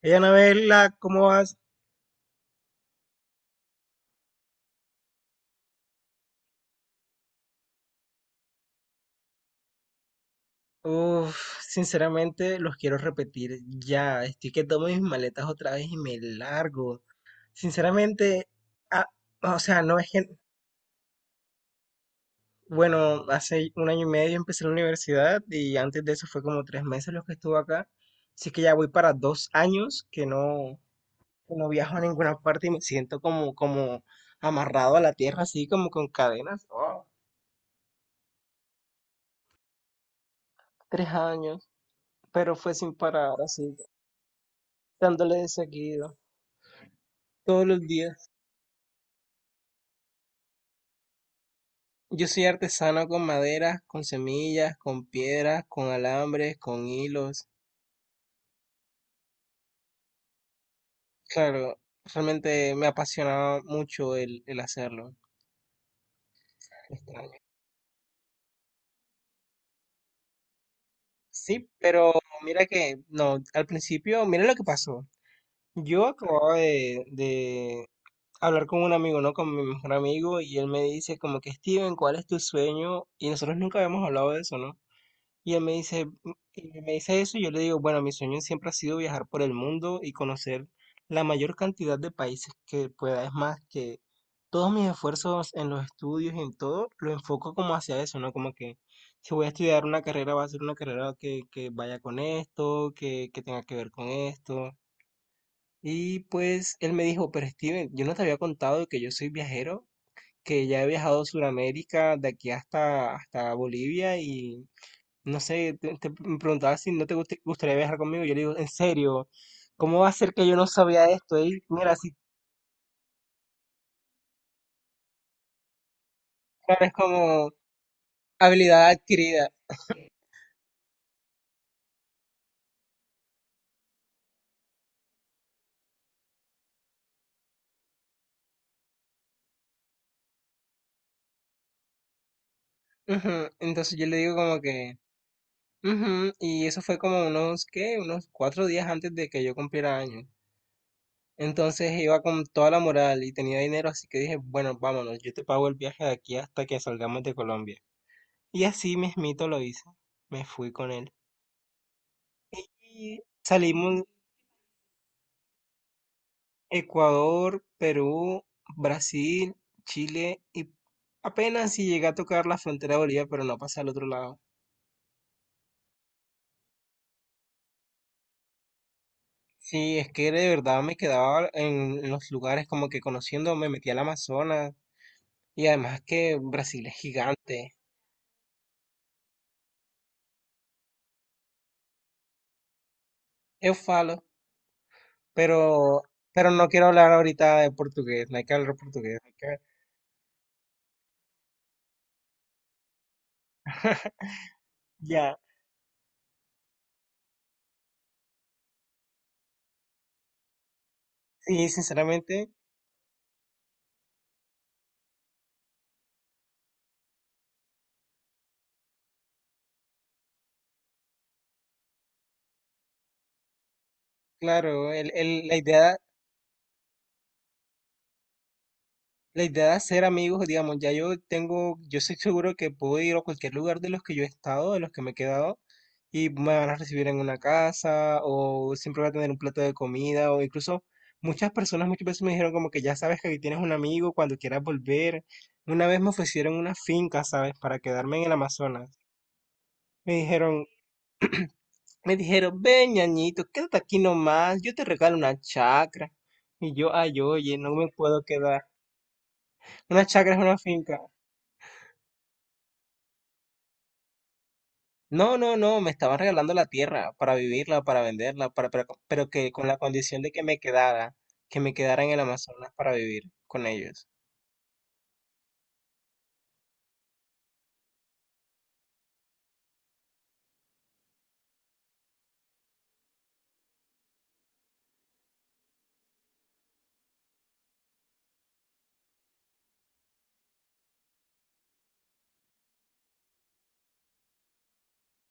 Hey, Anabela, ¿cómo vas? Uf, sinceramente los quiero repetir ya. Estoy que tomo mis maletas otra vez y me largo. Sinceramente, ah, o sea, no es que, bueno, hace un año y medio empecé la universidad y antes de eso fue como 3 meses los que estuve acá. Así que ya voy para 2 años que no viajo a ninguna parte y me siento como amarrado a la tierra, así como con cadenas. Wow, 3 años, pero fue sin parar, así, dándole de seguido. Todos los días. Yo soy artesano con maderas, con semillas, con piedras, con alambres, con hilos. Claro, realmente me apasionaba mucho el hacerlo. Extraño. Sí, pero mira que, no, al principio, mira lo que pasó. Yo acababa de hablar con un amigo, ¿no? Con mi mejor amigo, y él me dice como que, Steven, ¿cuál es tu sueño? Y nosotros nunca habíamos hablado de eso, ¿no? Y él me dice, y me dice eso, y yo le digo, bueno, mi sueño siempre ha sido viajar por el mundo y conocer la mayor cantidad de países que pueda. Es más, que todos mis esfuerzos en los estudios y en todo, lo enfoco como hacia eso, ¿no? Como que si voy a estudiar una carrera, va a ser una carrera que vaya con esto, que tenga que ver con esto. Y pues él me dijo, pero Steven, yo no te había contado que yo soy viajero, que ya he viajado a Sudamérica, de aquí hasta Bolivia y no sé, me preguntaba si no te gustaría viajar conmigo. Yo le digo, en serio, ¿cómo va a ser que yo no sabía esto? Y mira, si claro, es como habilidad adquirida. Ujú. Entonces yo le digo como que, "Ujú". Y eso fue como unos, ¿qué? Unos 4 días antes de que yo cumpliera años. Entonces iba con toda la moral y tenía dinero, así que dije, bueno, vámonos, yo te pago el viaje de aquí hasta que salgamos de Colombia. Y así mismito lo hice. Me fui con él. Y salimos, Ecuador, Perú, Brasil, Chile y apenas si llegué a tocar la frontera de Bolivia, pero no pasé al otro lado. Sí, es que de verdad me quedaba en los lugares como que conociendo, me metí al Amazonas y además que Brasil es gigante. Eu falo, pero pero no quiero hablar ahorita de portugués, no hay que hablar portugués, hay que ya, sí, sinceramente, claro, la idea de hacer amigos, digamos, ya yo tengo, yo estoy seguro que puedo ir a cualquier lugar de los que yo he estado, de los que me he quedado, y me van a recibir en una casa, o siempre voy a tener un plato de comida, o incluso muchas personas muchas veces me dijeron como que ya sabes que aquí tienes un amigo cuando quieras volver. Una vez me ofrecieron una finca, ¿sabes? Para quedarme en el Amazonas. Me dijeron, me dijeron, ven, ñañito, quédate aquí nomás, yo te regalo una chacra. Y yo, ay, oye, no me puedo quedar. Una chacra es una finca. No, no, no, Me estaban regalando la tierra para vivirla, para venderla, para, pero que con la condición de que me quedara en el Amazonas para vivir con ellos.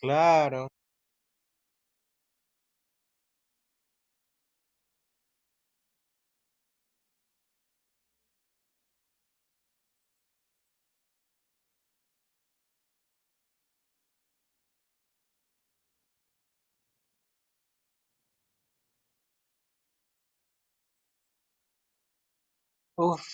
Claro. Uf,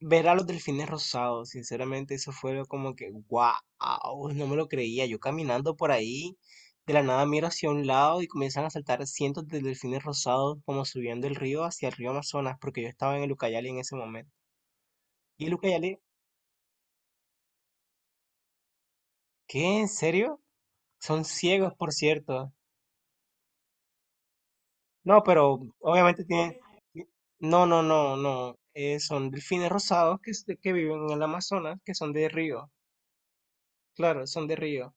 ver a los delfines rosados, sinceramente, eso fue lo como que, wow, no me lo creía. Yo caminando por ahí, de la nada miro hacia un lado y comienzan a saltar cientos de delfines rosados como subiendo el río hacia el río Amazonas, porque yo estaba en el Ucayali en ese momento. ¿Y el Ucayali? ¿Qué? ¿En serio? Son ciegos, por cierto. No, pero obviamente tiene... No, no, no, no. Son delfines rosados que, es de- que viven en el Amazonas, que son de río. Claro, son de río.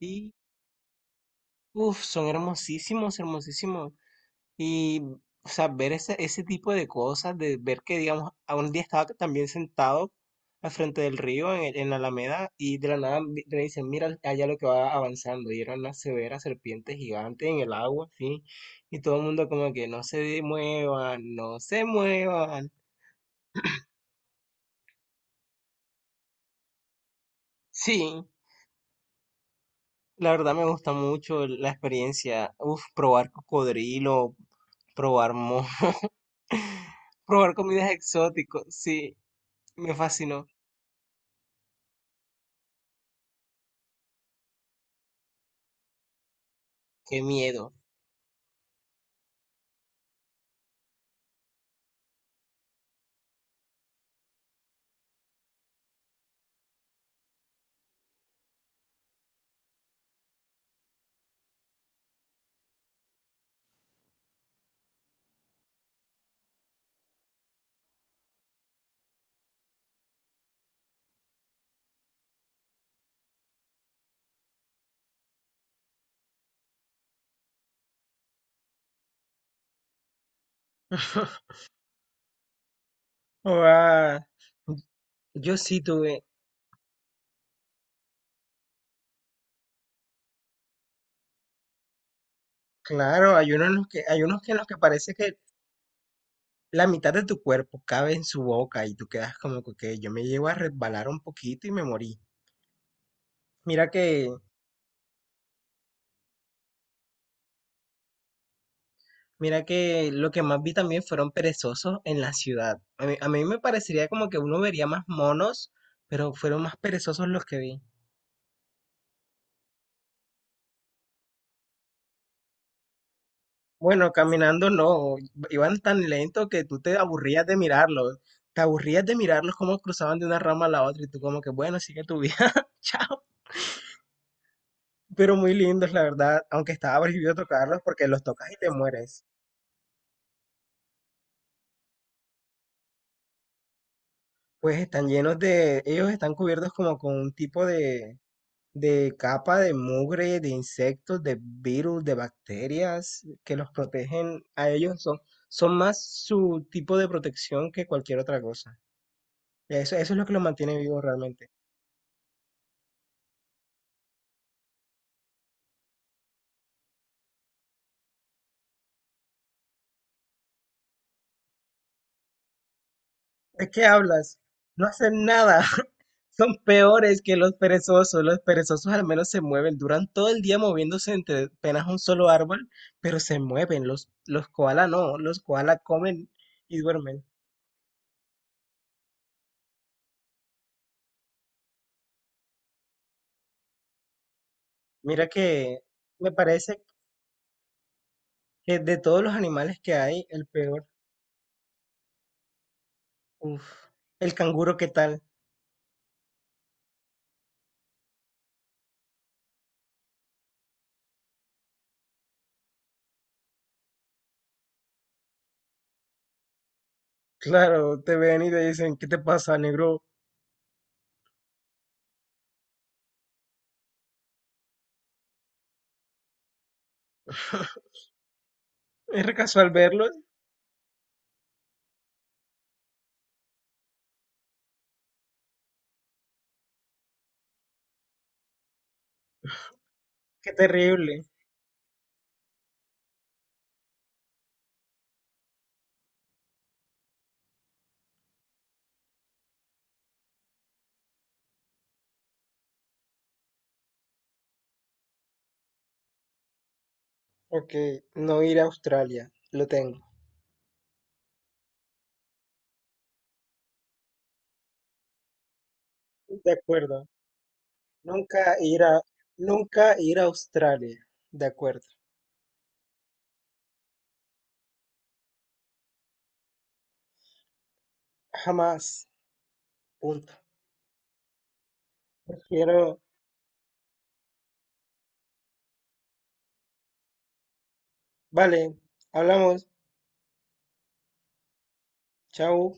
Y, uff, son hermosísimos, hermosísimos. Y, o sea, ver ese, ese tipo de cosas, de ver que, digamos, a un día estaba también sentado al frente del río, en, el- en la Alameda, y de la nada vi- me dicen, mira allá lo que va avanzando, y era una severa serpiente gigante en el agua, sí, y todo el mundo como que no se muevan, no se muevan. Sí, la verdad me gusta mucho la experiencia, uf, probar cocodrilo, probar mo, probar comidas exóticas, sí, me fascinó, qué miedo. Ah, yo sí tuve, claro, hay unos en los que, hay unos que en los que parece que la mitad de tu cuerpo cabe en su boca y tú quedas como que "Ok, yo me llevo a resbalar un poquito y me morí. Mira que, mira que lo que más vi también fueron perezosos en la ciudad. A mí me parecería como que uno vería más monos, pero fueron más perezosos los que vi. Bueno, caminando no, iban tan lento que tú te aburrías de mirarlos. Te aburrías de mirarlos cómo cruzaban de una rama a la otra y tú como que, bueno, sigue tu vida, chao. Pero muy lindos, la verdad, aunque estaba prohibido tocarlos porque los tocas y te mueres. Pues están llenos de, ellos están cubiertos como con un tipo de capa de mugre, de insectos, de virus, de bacterias que los protegen. A ellos son, son más su tipo de protección que cualquier otra cosa. Eso es lo que los mantiene vivos realmente. ¿De qué hablas? No hacen nada. Son peores que los perezosos. Los perezosos al menos se mueven. Duran todo el día moviéndose entre apenas un solo árbol, pero se mueven. Los koala no. Los koala comen y duermen. Mira que me parece que de todos los animales que hay, el peor. Uf. El canguro, ¿qué tal? Claro, te ven y te dicen, ¿qué te pasa, negro? Es re casual verlos. Qué terrible. Ok, no ir a Australia. Lo tengo. De acuerdo. Nunca ir a, nunca ir a Australia. De acuerdo. Jamás. Punto. Quiero. Vale. Hablamos. Chao.